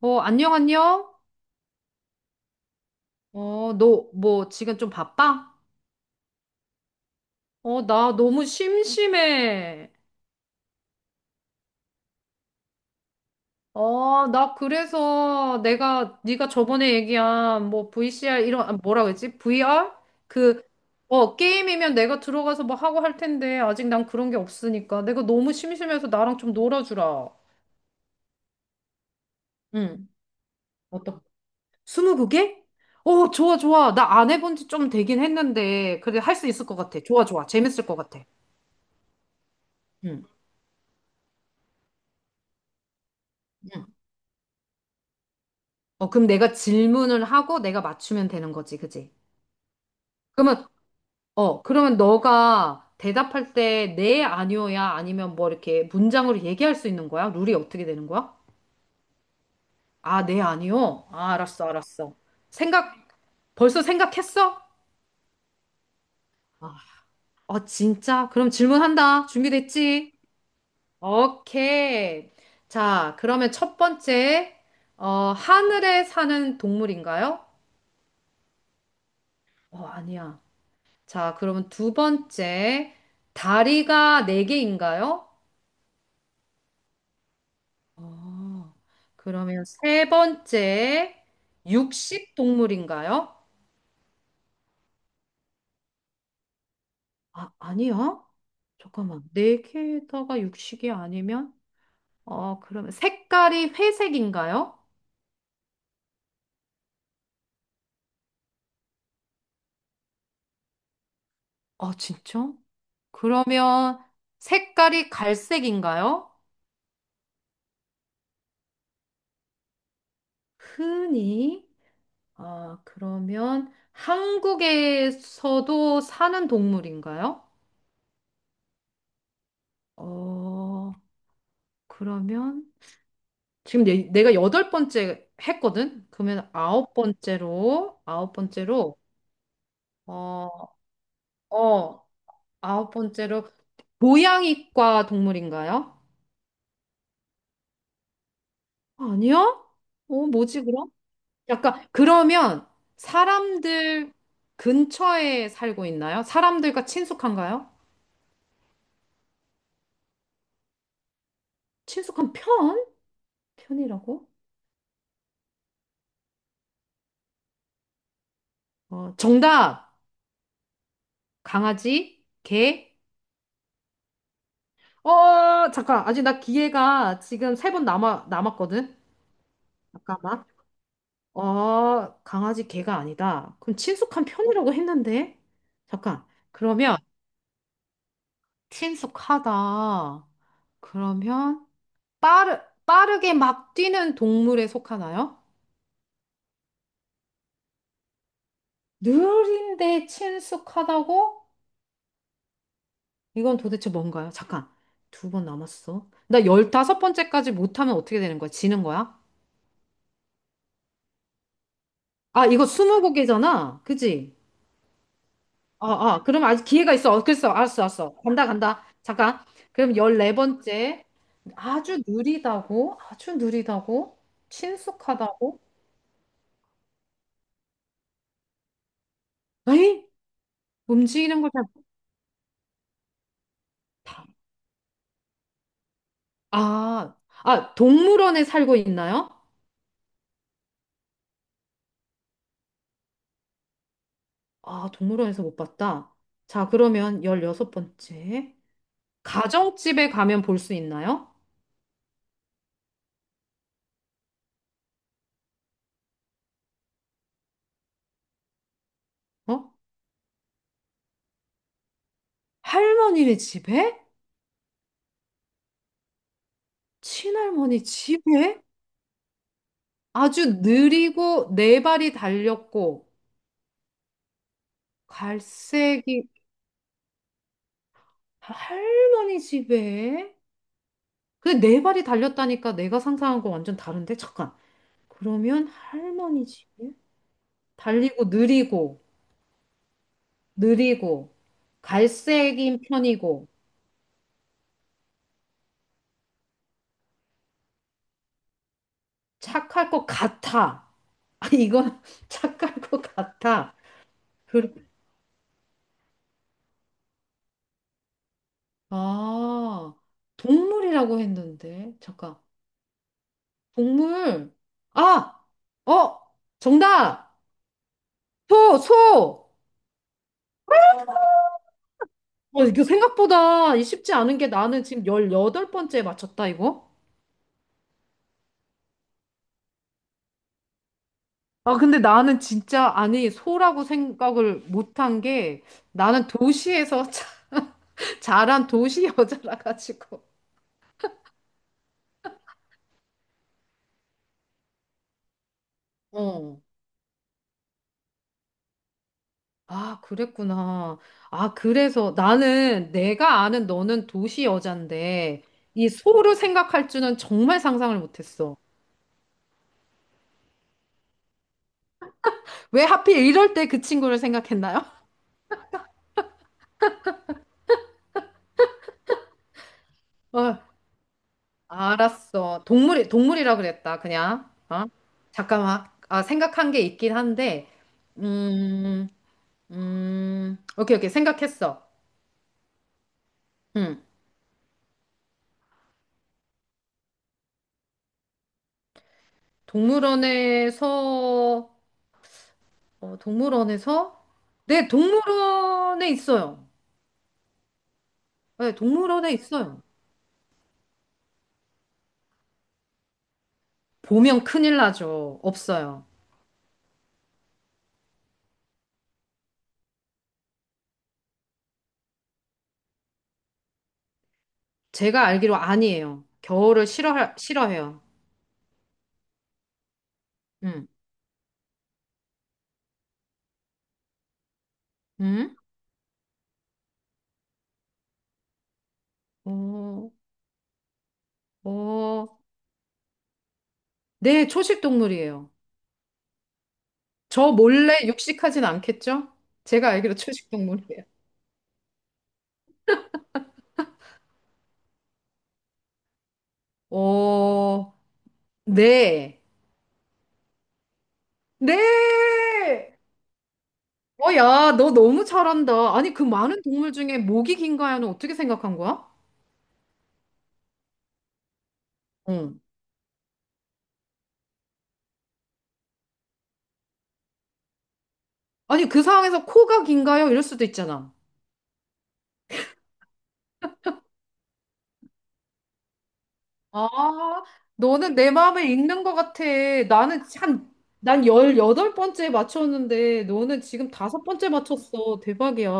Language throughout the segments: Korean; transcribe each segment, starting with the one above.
어, 안녕, 안녕? 어, 너, 뭐, 지금 좀 바빠? 어, 나 너무 심심해. 어, 나 그래서 내가, 네가 저번에 얘기한, 뭐, VCR, 이런, 아, 뭐라 그랬지? VR? 그, 게임이면 내가 들어가서 뭐 하고 할 텐데, 아직 난 그런 게 없으니까. 내가 너무 심심해서 나랑 좀 놀아주라. 응, 어떤, 스무고개? 어, 좋아, 좋아. 나 안 해본 지 좀 되긴 했는데, 그래, 할 수 있을 것 같아. 좋아, 좋아. 재밌을 것 같아. 응. 응. 어, 그럼 내가 질문을 하고 내가 맞추면 되는 거지, 그지? 그러면, 그러면 너가 대답할 때 네, 아니요야 아니면 뭐 이렇게 문장으로 얘기할 수 있는 거야? 룰이 어떻게 되는 거야? 아, 네, 아니요? 아, 알았어, 알았어. 생각, 벌써 생각했어? 아, 어, 진짜? 그럼 질문한다. 준비됐지? 오케이. 자, 그러면 첫 번째, 어, 하늘에 사는 동물인가요? 어, 아니야. 자, 그러면 두 번째, 다리가 네 개인가요? 어, 그러면 세 번째, 육식 동물인가요? 아, 아니요. 잠깐만. 네 개다가 육식이 아니면? 어, 그러면 색깔이 회색인가요? 아, 진짜? 그러면 색깔이 갈색인가요? 흔히? 아, 그러면 한국에서도 사는 동물인가요? 어, 그러면 지금 내가 여덟 번째 했거든? 그러면 어, 어, 아홉 번째로, 고양이과 동물인가요? 아니요? 어, 뭐지, 그럼? 약간, 그러면 사람들 근처에 살고 있나요? 사람들과 친숙한가요? 친숙한 편? 편이라고? 어, 정답! 강아지, 개, 어, 잠깐. 아직 나 기회가 지금 세 번 남았거든? 잠깐만. 어, 강아지 개가 아니다. 그럼 친숙한 편이라고 했는데? 잠깐. 그러면 친숙하다. 그러면 빠르, 빠르게 막 뛰는 동물에 속하나요? 느린데 친숙하다고? 이건 도대체 뭔가요? 잠깐. 두 번 남았어. 나 열다섯 번째까지 못하면 어떻게 되는 거야? 지는 거야? 아, 이거 스무고개잖아. 그지? 어, 어, 그럼 아직 기회가 있어. 어, 글쎄, 알았어, 알았어. 간다, 간다. 잠깐. 그럼 14번째. 아주 느리다고? 아주 느리다고? 친숙하다고? 에이? 움직이는 걸 잘 못하. 아, 아, 동물원에 살고 있나요? 아, 동물원에서 못 봤다. 자, 그러면 16번째. 가정집에 가면 볼 수 있나요? 어? 할머니네 집에? 친할머니 집에? 아주 느리고 네 발이 달렸고 갈색이 할머니 집에? 그 네 발이 달렸다니까 내가 상상한 거 완전 다른데? 잠깐. 그러면 할머니 집에? 달리고 느리고 갈색인 편이고 착할 것 같아. 아, 이건 착할 것 같아. 그, 아, 동물이라고 했는데. 잠깐. 동물. 아! 어! 정답! 소! 소! 어, 이게 생각보다 이 쉽지 않은 게 나는 지금 18번째에 맞췄다, 이거? 아, 근데 나는 진짜, 아니, 소라고 생각을 못한 게 나는 도시에서 자란 도시 여자라 가지고. 어. 아, 그랬구나. 아, 그래서 나는 내가 아는 너는 도시 여잔데 이 소를 생각할 줄은 정말 상상을 못했어. 왜 하필 이럴 때 그 친구를 생각했나요? 알았어. 동물이라 그랬다, 그냥. 어? 잠깐만. 아, 생각한 게 있긴 한데, 음, 오케이, 오케이. 생각했어. 음. 동물원에서, 동물원에서? 네, 동물원에 있어요. 네, 동물원에 있어요. 보면 큰일 나죠. 없어요. 제가 알기로 아니에요. 겨울을 싫어해요. 음, 음? 어, 어, 네, 초식 동물이에요. 저 몰래 육식하진 않겠죠? 제가 알기로 초식동물이에요. 어, 네. 네! 어, 야, 너 너무 잘한다. 아니, 그 많은 동물 중에 목이 긴가요는 어떻게 생각한 거야? 응. 아니, 그 상황에서 코가 긴가요? 이럴 수도 있잖아. 아, 너는 내 마음을 읽는 것 같아. 나는 참, 난 18번째 맞췄는데, 너는 지금 다섯 번째 맞췄어. 대박이야.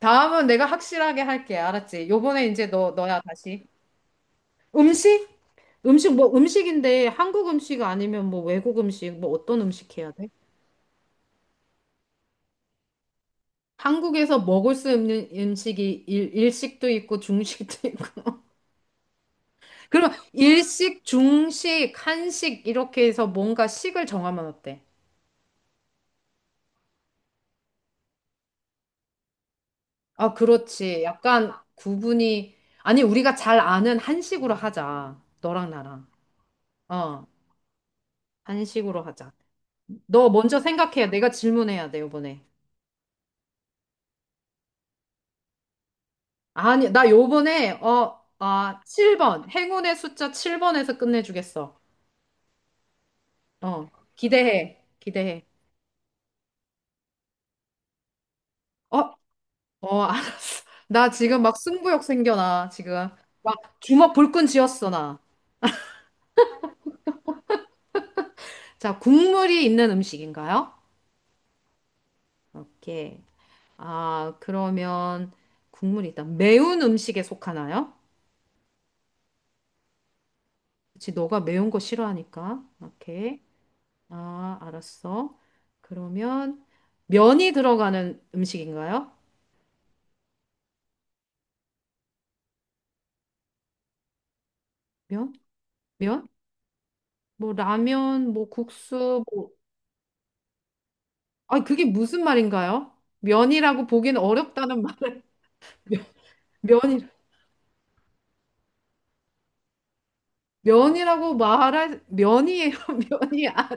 다음은 내가 확실하게 할게. 알았지? 요번에 이제 너야, 다시. 음식? 음식 뭐 음식인데 한국 음식 아니면 뭐 외국 음식 뭐 어떤 음식 해야 돼? 한국에서 먹을 수 있는 음식이 일식도 있고 중식도 있고 그러면 일식, 중식, 한식 이렇게 해서 뭔가 식을 정하면 어때? 아, 그렇지. 약간 구분이 아니 우리가 잘 아는 한식으로 하자. 너랑 나랑. 어, 한식으로 하자. 너 먼저 생각해. 내가 질문해야 돼, 이번에. 아니, 나 요번에, 7번. 행운의 숫자 7번에서 끝내주겠어. 어, 기대해. 기대해. 어, 어, 알았어. 나 지금 막 승부욕 생겨나, 지금. 막 주먹 불끈 쥐었어, 나. 자, 국물이 있는 음식인가요? 오케이. 아, 그러면 국물이 있다. 매운 음식에 속하나요? 그치, 너가 매운 거 싫어하니까. 오케이. 아, 알았어. 그러면 면이 들어가는 음식인가요? 면? 면? 뭐 라면, 뭐 국수, 뭐 아, 그게 무슨 말인가요? 면이라고 보기는 어렵다는 말. 면이 면이라고 말할 면이에요. 면이 아,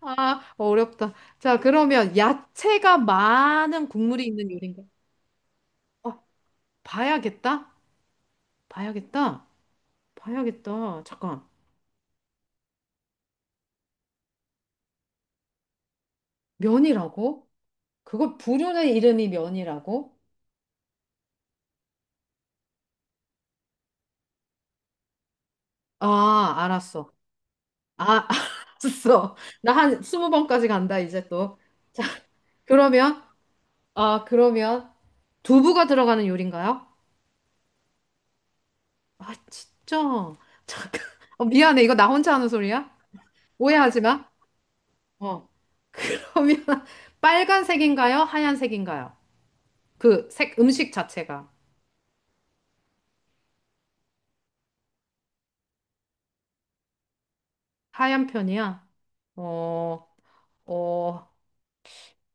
아, 어렵다. 자, 그러면 야채가 많은 국물이 있는 요리인가? 어, 봐야겠다. 봐야겠다. 봐야겠다. 잠깐. 면이라고? 그걸 부르는 이름이 면이라고? 아, 알았어. 아, 알았어. 나 한 스무 번까지 간다, 이제 또. 자, 그러면 그러면 두부가 들어가는 요리인가요? 아, 진짜. 잠깐. 어, 미안해. 이거 나 혼자 하는 소리야? 오해하지 마. 어. 그러면 빨간색인가요? 하얀색인가요? 그 색, 음식 자체가. 하얀 편이야? 어, 어,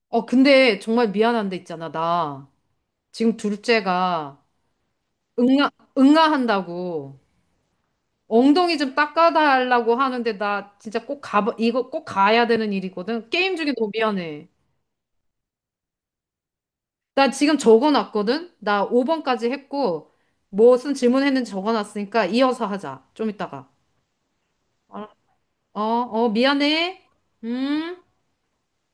어, 근데 정말 미안한데 있잖아. 나 지금 둘째가 응아, 응아한다고. 엉덩이 좀 닦아달라고 하는데 나 진짜 꼭 이거 꼭 가야 되는 일이거든. 게임 중에 너무 미안해. 나 지금 적어놨거든? 나 5번까지 했고, 무슨 질문했는지 적어놨으니까 이어서 하자. 좀 이따가. 어, 어, 미안해. 음.